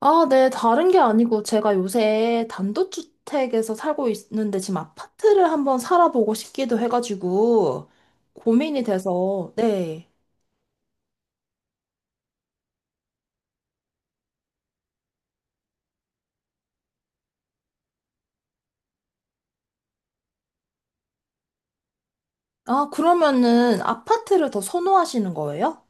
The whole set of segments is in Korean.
아, 네, 다른 게 아니고 제가 요새 단독주택에서 살고 있는데 지금 아파트를 한번 살아보고 싶기도 해가지고 고민이 돼서, 네. 아, 그러면은 아파트를 더 선호하시는 거예요?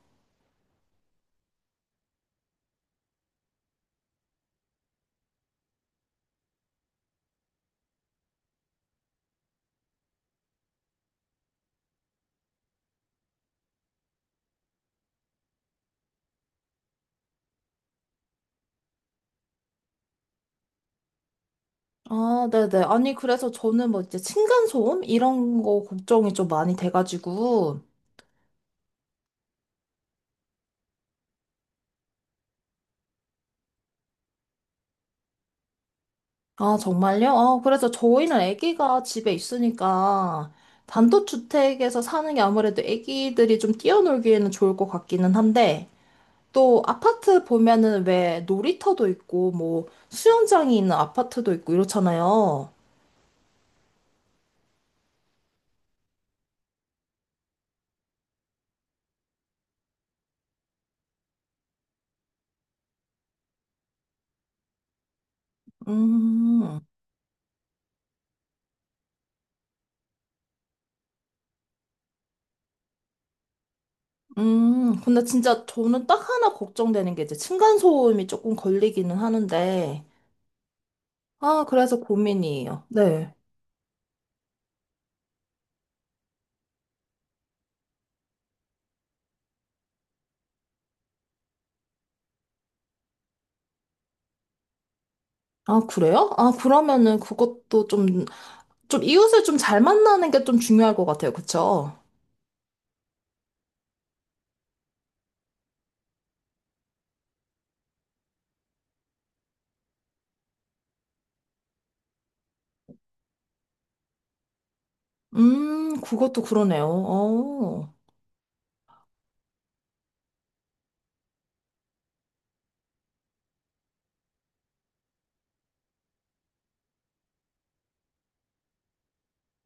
아, 네네. 아니, 그래서 저는 뭐 이제 층간소음? 이런 거 걱정이 좀 많이 돼가지고. 아, 정말요? 아, 그래서 저희는 아기가 집에 있으니까 단독주택에서 사는 게 아무래도 아기들이 좀 뛰어놀기에는 좋을 것 같기는 한데, 또 아파트 보면은 왜 놀이터도 있고 뭐 수영장이 있는 아파트도 있고 이렇잖아요. 음, 근데 진짜 저는 딱 하나 걱정되는 게 이제 층간소음이 조금 걸리기는 하는데 아 그래서 고민이에요. 네. 아 그래요? 아 그러면은 그것도 좀 이웃을 좀 잘 만나는 게 좀 중요할 것 같아요. 그쵸? 그것도 그러네요. 어.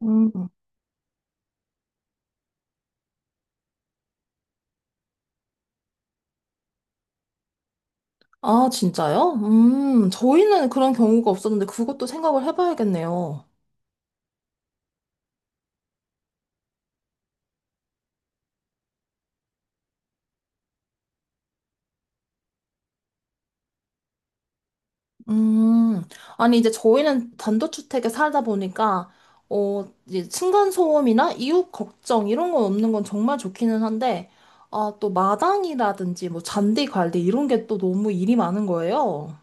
음. 음. 아, 진짜요? 저희는 그런 경우가 없었는데 그것도 생각을 해봐야겠네요. 음, 아니, 이제 저희는 단독주택에 살다 보니까, 어, 이제 층간소음이나 이웃 걱정 이런 건 없는 건 정말 좋기는 한데, 아, 또 마당이라든지 뭐 잔디 관리 이런 게 또 너무 일이 많은 거예요.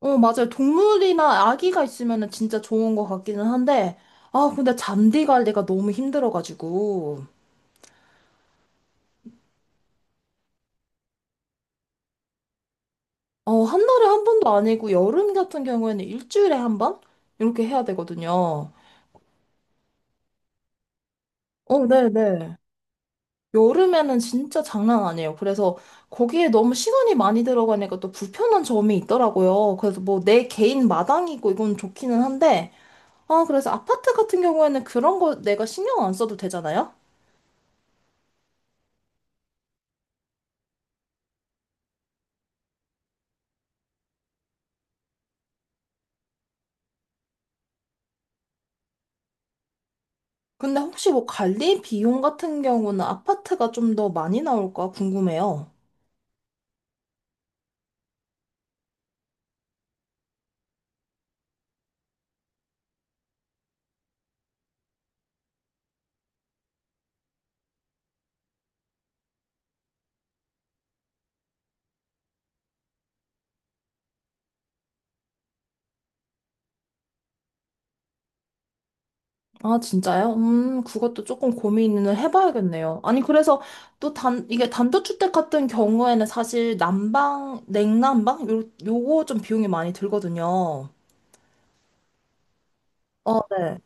어, 맞아요. 동물이나 아기가 있으면 은 진짜 좋은 것 같기는 한데, 아, 근데 잔디 관리가 너무 힘들어가지고. 어, 한 달에 한 번도 아니고 여름 같은 경우에는 일주일에 한 번? 이렇게 해야 되거든요. 어, 네네. 여름에는 진짜 장난 아니에요. 그래서 거기에 너무 시간이 많이 들어가니까 또 불편한 점이 있더라고요. 그래서 뭐 내 개인 마당이고 이건 좋기는 한데, 아, 그래서 아파트 같은 경우에는 그런 거 내가 신경 안 써도 되잖아요? 근데 혹시 뭐 관리 비용 같은 경우는 아파트가 좀 더 많이 나올까 궁금해요. 아, 진짜요? 그것도 조금 고민을 해봐야겠네요. 아니, 그래서 또 이게 단독주택 같은 경우에는 사실 난방, 냉난방? 요거 좀 비용이 많이 들거든요. 어, 네.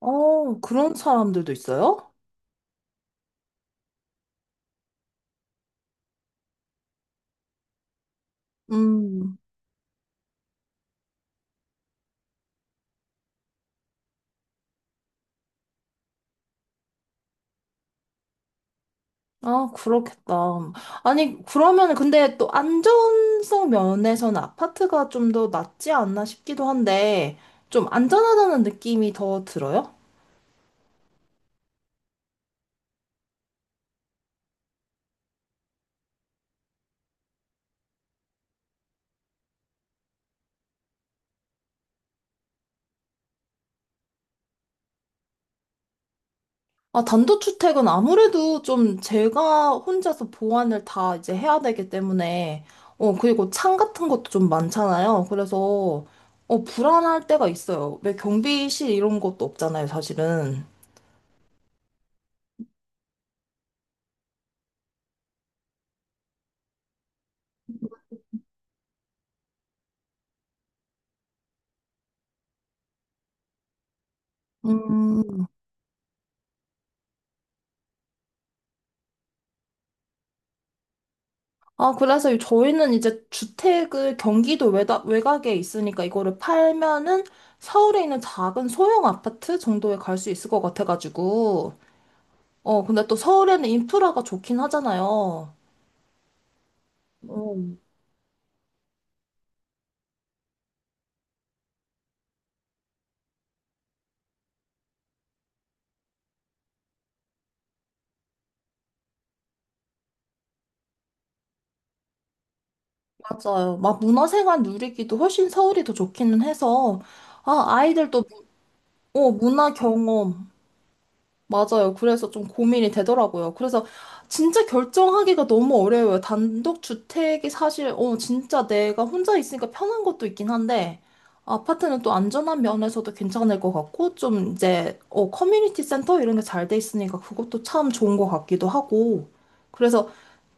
어, 그런 사람들도 있어요? 음, 아, 그렇겠다. 아니, 그러면 근데 또 안전성 면에서는 아파트가 좀 더 낫지 않나 싶기도 한데, 좀 안전하다는 느낌이 더 들어요? 아, 단독주택은 아무래도 좀 제가 혼자서 보완을 다 이제 해야 되기 때문에, 어, 그리고 창 같은 것도 좀 많잖아요. 그래서, 어, 불안할 때가 있어요. 왜 경비실 이런 것도 없잖아요, 사실은. 음, 아, 그래서 저희는 이제 주택을 경기도 외곽에 있으니까 이거를 팔면은 서울에 있는 작은 소형 아파트 정도에 갈 수 있을 것 같아가지고, 어, 근데 또 서울에는 인프라가 좋긴 하잖아요. 어, 맞아요. 막 문화생활 누리기도 훨씬 서울이 더 좋기는 해서, 아, 아이들도, 뭐, 어, 문화 경험, 맞아요. 그래서 좀 고민이 되더라고요. 그래서 진짜 결정하기가 너무 어려워요. 단독 주택이 사실, 어, 진짜 내가 혼자 있으니까 편한 것도 있긴 한데, 아파트는 또 안전한 면에서도 괜찮을 것 같고, 좀 이제, 어, 커뮤니티 센터 이런 게 잘 돼 있으니까 그것도 참 좋은 것 같기도 하고. 그래서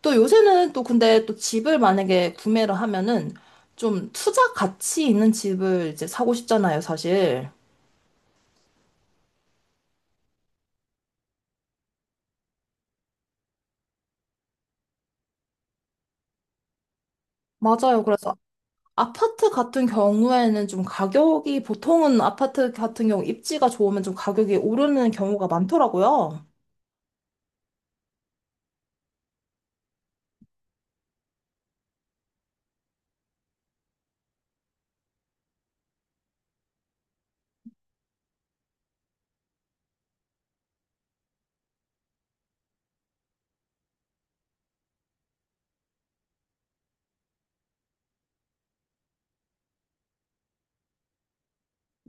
또 요새는 또 근데 또 집을 만약에 구매를 하면은 좀 투자 가치 있는 집을 이제 사고 싶잖아요, 사실. 맞아요. 그래서 아파트 같은 경우에는 좀 가격이 보통은 아파트 같은 경우 입지가 좋으면 좀 가격이 오르는 경우가 많더라고요.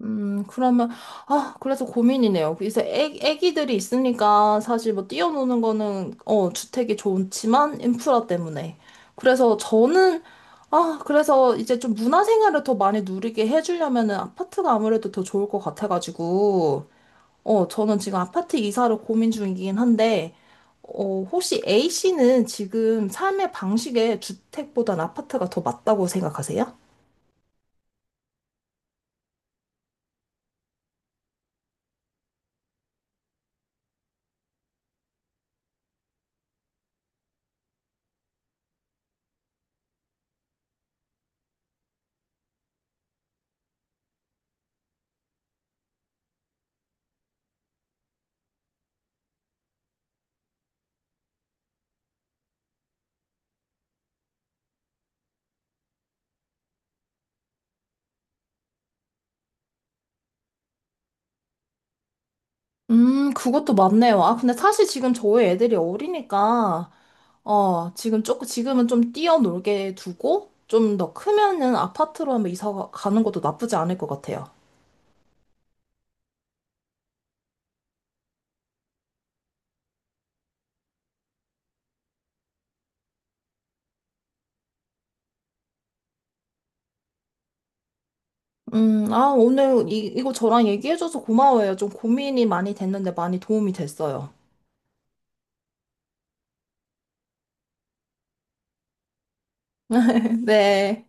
그러면, 아, 그래서 고민이네요. 이제 애기들이 있으니까 사실 뭐 뛰어노는 거는, 어, 주택이 좋지만 인프라 때문에. 그래서 저는, 아, 그래서 이제 좀 문화생활을 더 많이 누리게 해주려면은 아파트가 아무래도 더 좋을 것 같아가지고. 어, 저는 지금 아파트 이사를 고민 중이긴 한데, 어, 혹시 A씨는 지금 삶의 방식에 주택보단 아파트가 더 맞다고 생각하세요? 그것도 맞네요. 아, 근데 사실 지금 저희 애들이 어리니까, 어, 지금 조금, 지금은 좀 뛰어놀게 두고, 좀 더 크면은 아파트로 한번 이사 가는 것도 나쁘지 않을 것 같아요. 아, 오늘 이거 저랑 얘기해줘서 고마워요. 좀 고민이 많이 됐는데 많이 도움이 됐어요. 네.